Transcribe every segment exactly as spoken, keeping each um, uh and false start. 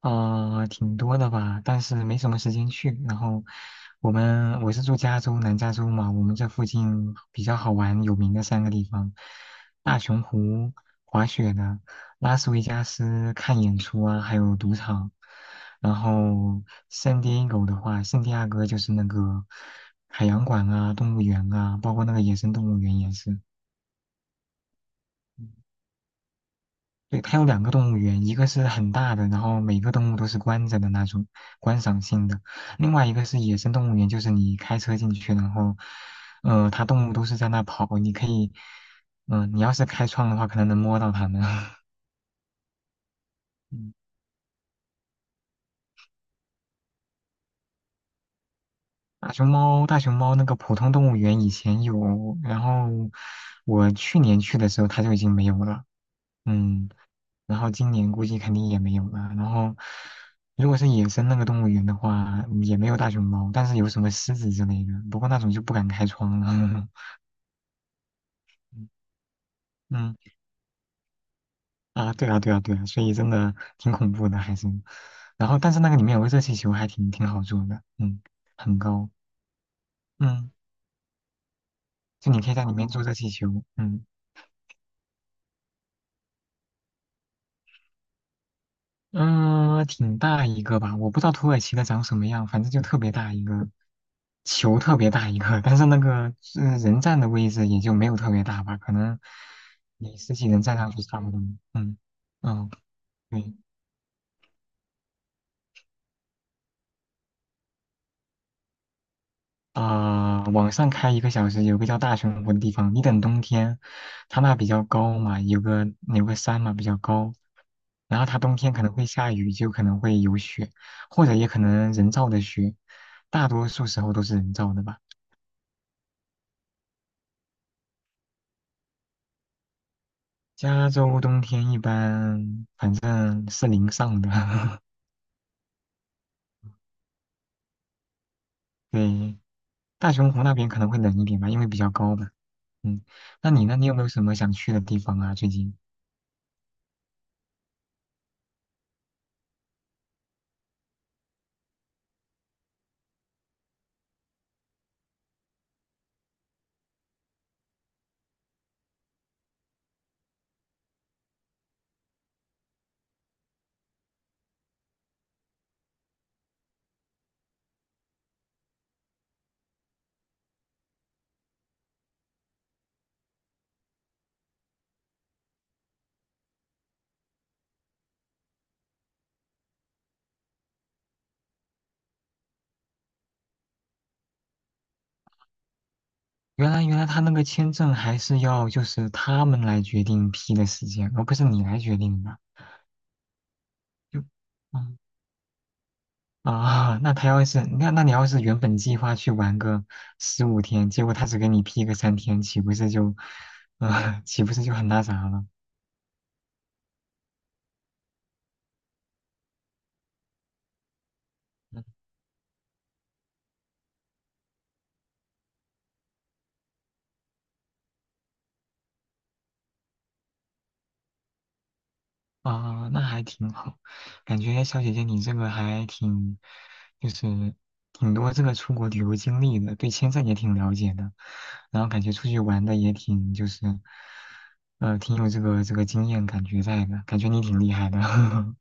啊、挺多的吧，但是没什么时间去。然后我们我是住加州南加州嘛，我们这附近比较好玩有名的三个地方：大熊湖滑雪的，拉斯维加斯看演出啊，还有赌场。然后圣地亚哥的话，圣地亚哥就是那个海洋馆啊、动物园啊，包括那个野生动物园也是。对，它有两个动物园，一个是很大的，然后每个动物都是关着的那种观赏性的；另外一个是野生动物园，就是你开车进去，然后，呃，它动物都是在那跑，你可以，嗯、你要是开窗的话，可能能摸到它们。嗯，大熊猫，大熊猫那个普通动物园以前有，然后我去年去的时候它就已经没有了。嗯。然后今年估计肯定也没有了。然后，如果是野生那个动物园的话，也没有大熊猫，但是有什么狮子之类的。不过那种就不敢开窗了。嗯啊，对啊，对啊，对啊，所以真的挺恐怖的，还是。然后，但是那个里面有个热气球，还挺挺好坐的，嗯，很高，嗯，就你可以在里面坐热气球，嗯。嗯，挺大一个吧，我不知道土耳其的长什么样，反正就特别大一个，球特别大一个，但是那个呃人站的位置也就没有特别大吧，可能你十几人站上去差不多。嗯嗯，对啊，往上开一个小时，有个叫大熊湖的地方，你等冬天，它那比较高嘛，有个有个山嘛比较高，然后它冬天可能会下雨，就可能会有雪，或者也可能人造的雪，大多数时候都是人造的吧。加州冬天一般，反正是零上的。对，大熊湖那边可能会冷一点吧，因为比较高嘛。嗯。那你呢？你有没有什么想去的地方啊？最近？原来，原来他那个签证还是要就是他们来决定批的时间，而不是你来决定的。就，嗯啊，那他要是那那你要是原本计划去玩个十五天，结果他只给你批个三天，岂不是就，啊、岂不是就很那啥了？嗯啊，那还挺好，感觉小姐姐你这个还挺，就是挺多这个出国旅游经历的，对签证也挺了解的，然后感觉出去玩的也挺就是，呃，挺有这个这个经验感觉在的，感觉你挺厉害的。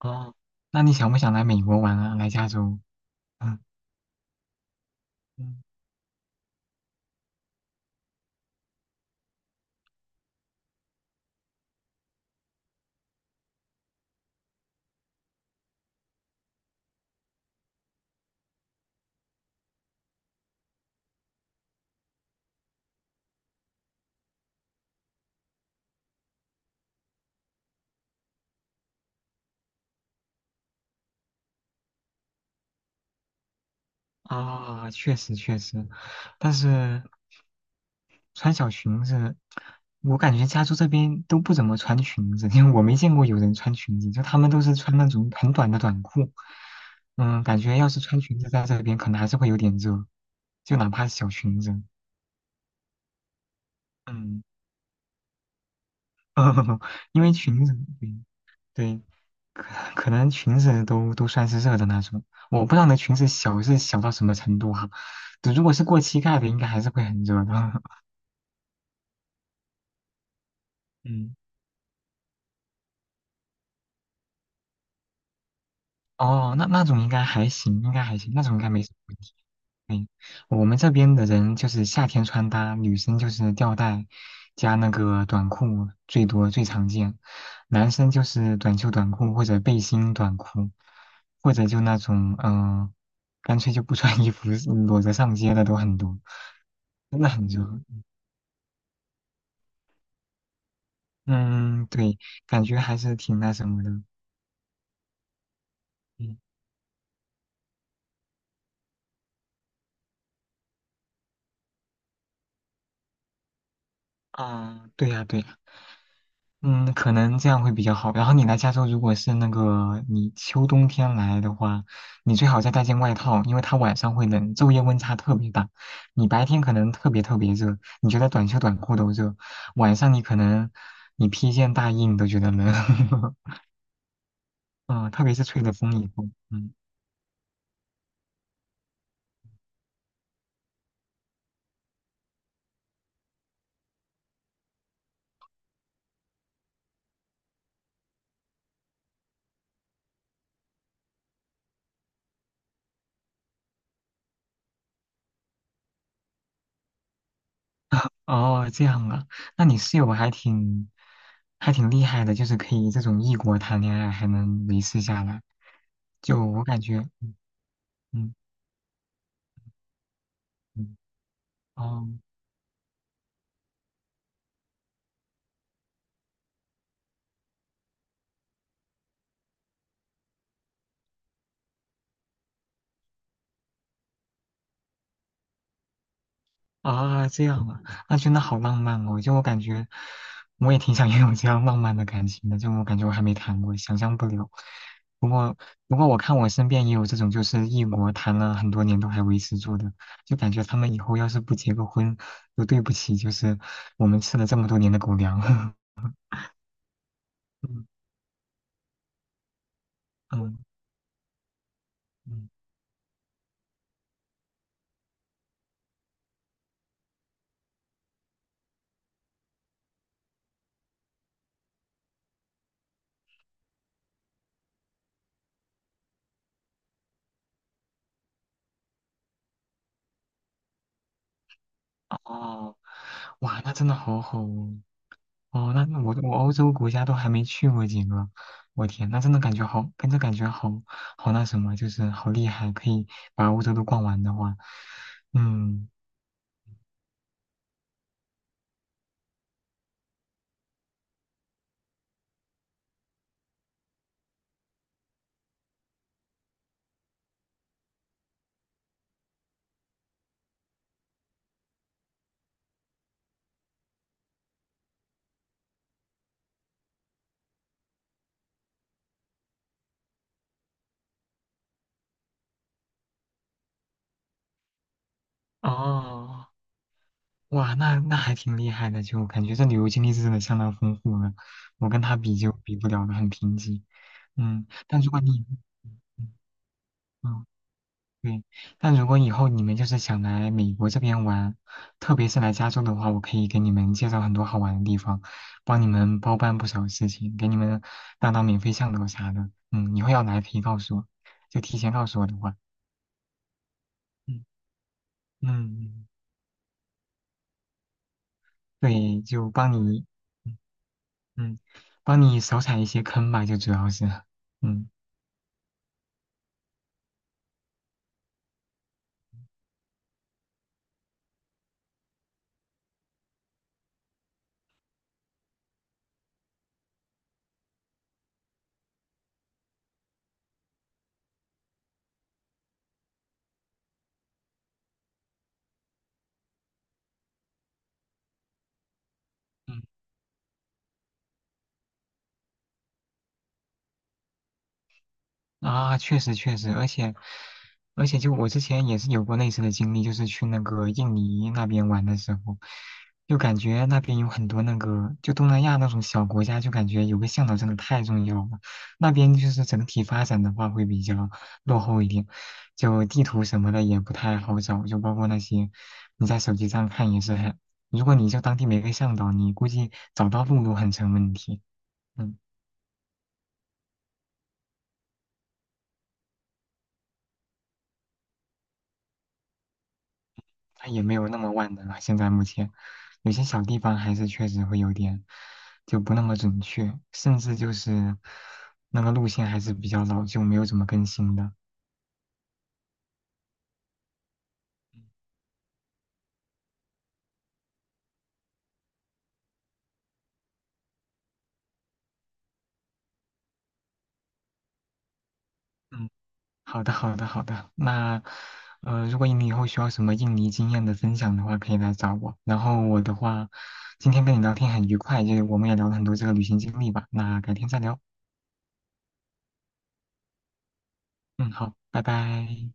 哦，那你想不想来美国玩啊？来加州？嗯嗯啊，确实确实，但是。穿小裙子，我感觉加州这边都不怎么穿裙子，因为我没见过有人穿裙子，就他们都是穿那种很短的短裤。嗯，感觉要是穿裙子在这边，可能还是会有点热，就哪怕是小裙子。嗯，因为裙子，对对可可能裙子都都算是热的那种。我不知道那裙子小是小到什么程度哈、对如果是过膝盖的，应该还是会很热的。嗯，哦，那那种应该还行，应该还行，那种应该没什么问题。嗯，我们这边的人就是夏天穿搭，女生就是吊带加那个短裤，最多最常见。男生就是短袖短裤或者背心短裤，或者就那种嗯、呃干脆就不穿衣服，裸着上街的都很多，真的很热。嗯，对，感觉还是挺那什么的。嗯啊，对呀，对呀。嗯，可能这样会比较好。然后你来加州，如果是那个你秋冬天来的话，你最好再带件外套，因为它晚上会冷，昼夜温差特别大。你白天可能特别特别热，你觉得短袖短裤都热，晚上你可能你披件大衣你都觉得冷。嗯，特别是吹了风以后，嗯，哦，这样啊，那你室友还挺还挺厉害的，就是可以这种异国谈恋爱还能维持下来，就我感觉，嗯嗯。嗯哦，啊，这样啊，那真的好浪漫哦！就我感觉，我也挺想 拥有这样浪漫的感情的。就我感觉我还没谈过，想象不了。不过，不过我看我身边也有这种，就是异国谈了很多年都还维持住的，就感觉他们以后要是不结个婚，都对不起，就是我们吃了这么多年的狗粮。嗯嗯嗯，哦，哇，那真的好好哦。哦，那那我我欧洲国家都还没去过几个，我天，那真的感觉好，跟着感觉好好那什么，就是好厉害，可以把欧洲都逛完的话，嗯，哦，哇，那那还挺厉害的，就感觉这旅游经历是真的相当丰富了，我跟他比就比不了了，很贫瘠，嗯，但如果你，嗯，嗯嗯对，但如果以后你们就是想来美国这边玩，特别是来加州的话，我可以给你们介绍很多好玩的地方，帮你们包办不少事情，给你们当当免费向导啥的。嗯，以后要来可以告诉我，就提前告诉我的话，嗯嗯，对，就帮你，嗯，嗯帮你少踩一些坑吧，就主要是，嗯嗯啊，确实确实，而且而且，就我之前也是有过类似的经历，就是去那个印尼那边玩的时候，就感觉那边有很多那个，就东南亚那种小国家，就感觉有个向导真的太重要了。那边就是整体发展的话会比较落后一点，就地图什么的也不太好找，就包括那些你在手机上看也是很，如果你就当地没个向导，你估计找到路都很成问题。嗯。它也没有那么万能啊。现在目前有些小地方还是确实会有点就不那么准确，甚至就是那个路线还是比较老旧，没有怎么更新的。嗯，好的，好的，好的。那呃，如果你以后需要什么印尼经验的分享的话，可以来找我。然后我的话，今天跟你聊天很愉快，就是我们也聊了很多这个旅行经历吧。那改天再聊。嗯，好，拜拜。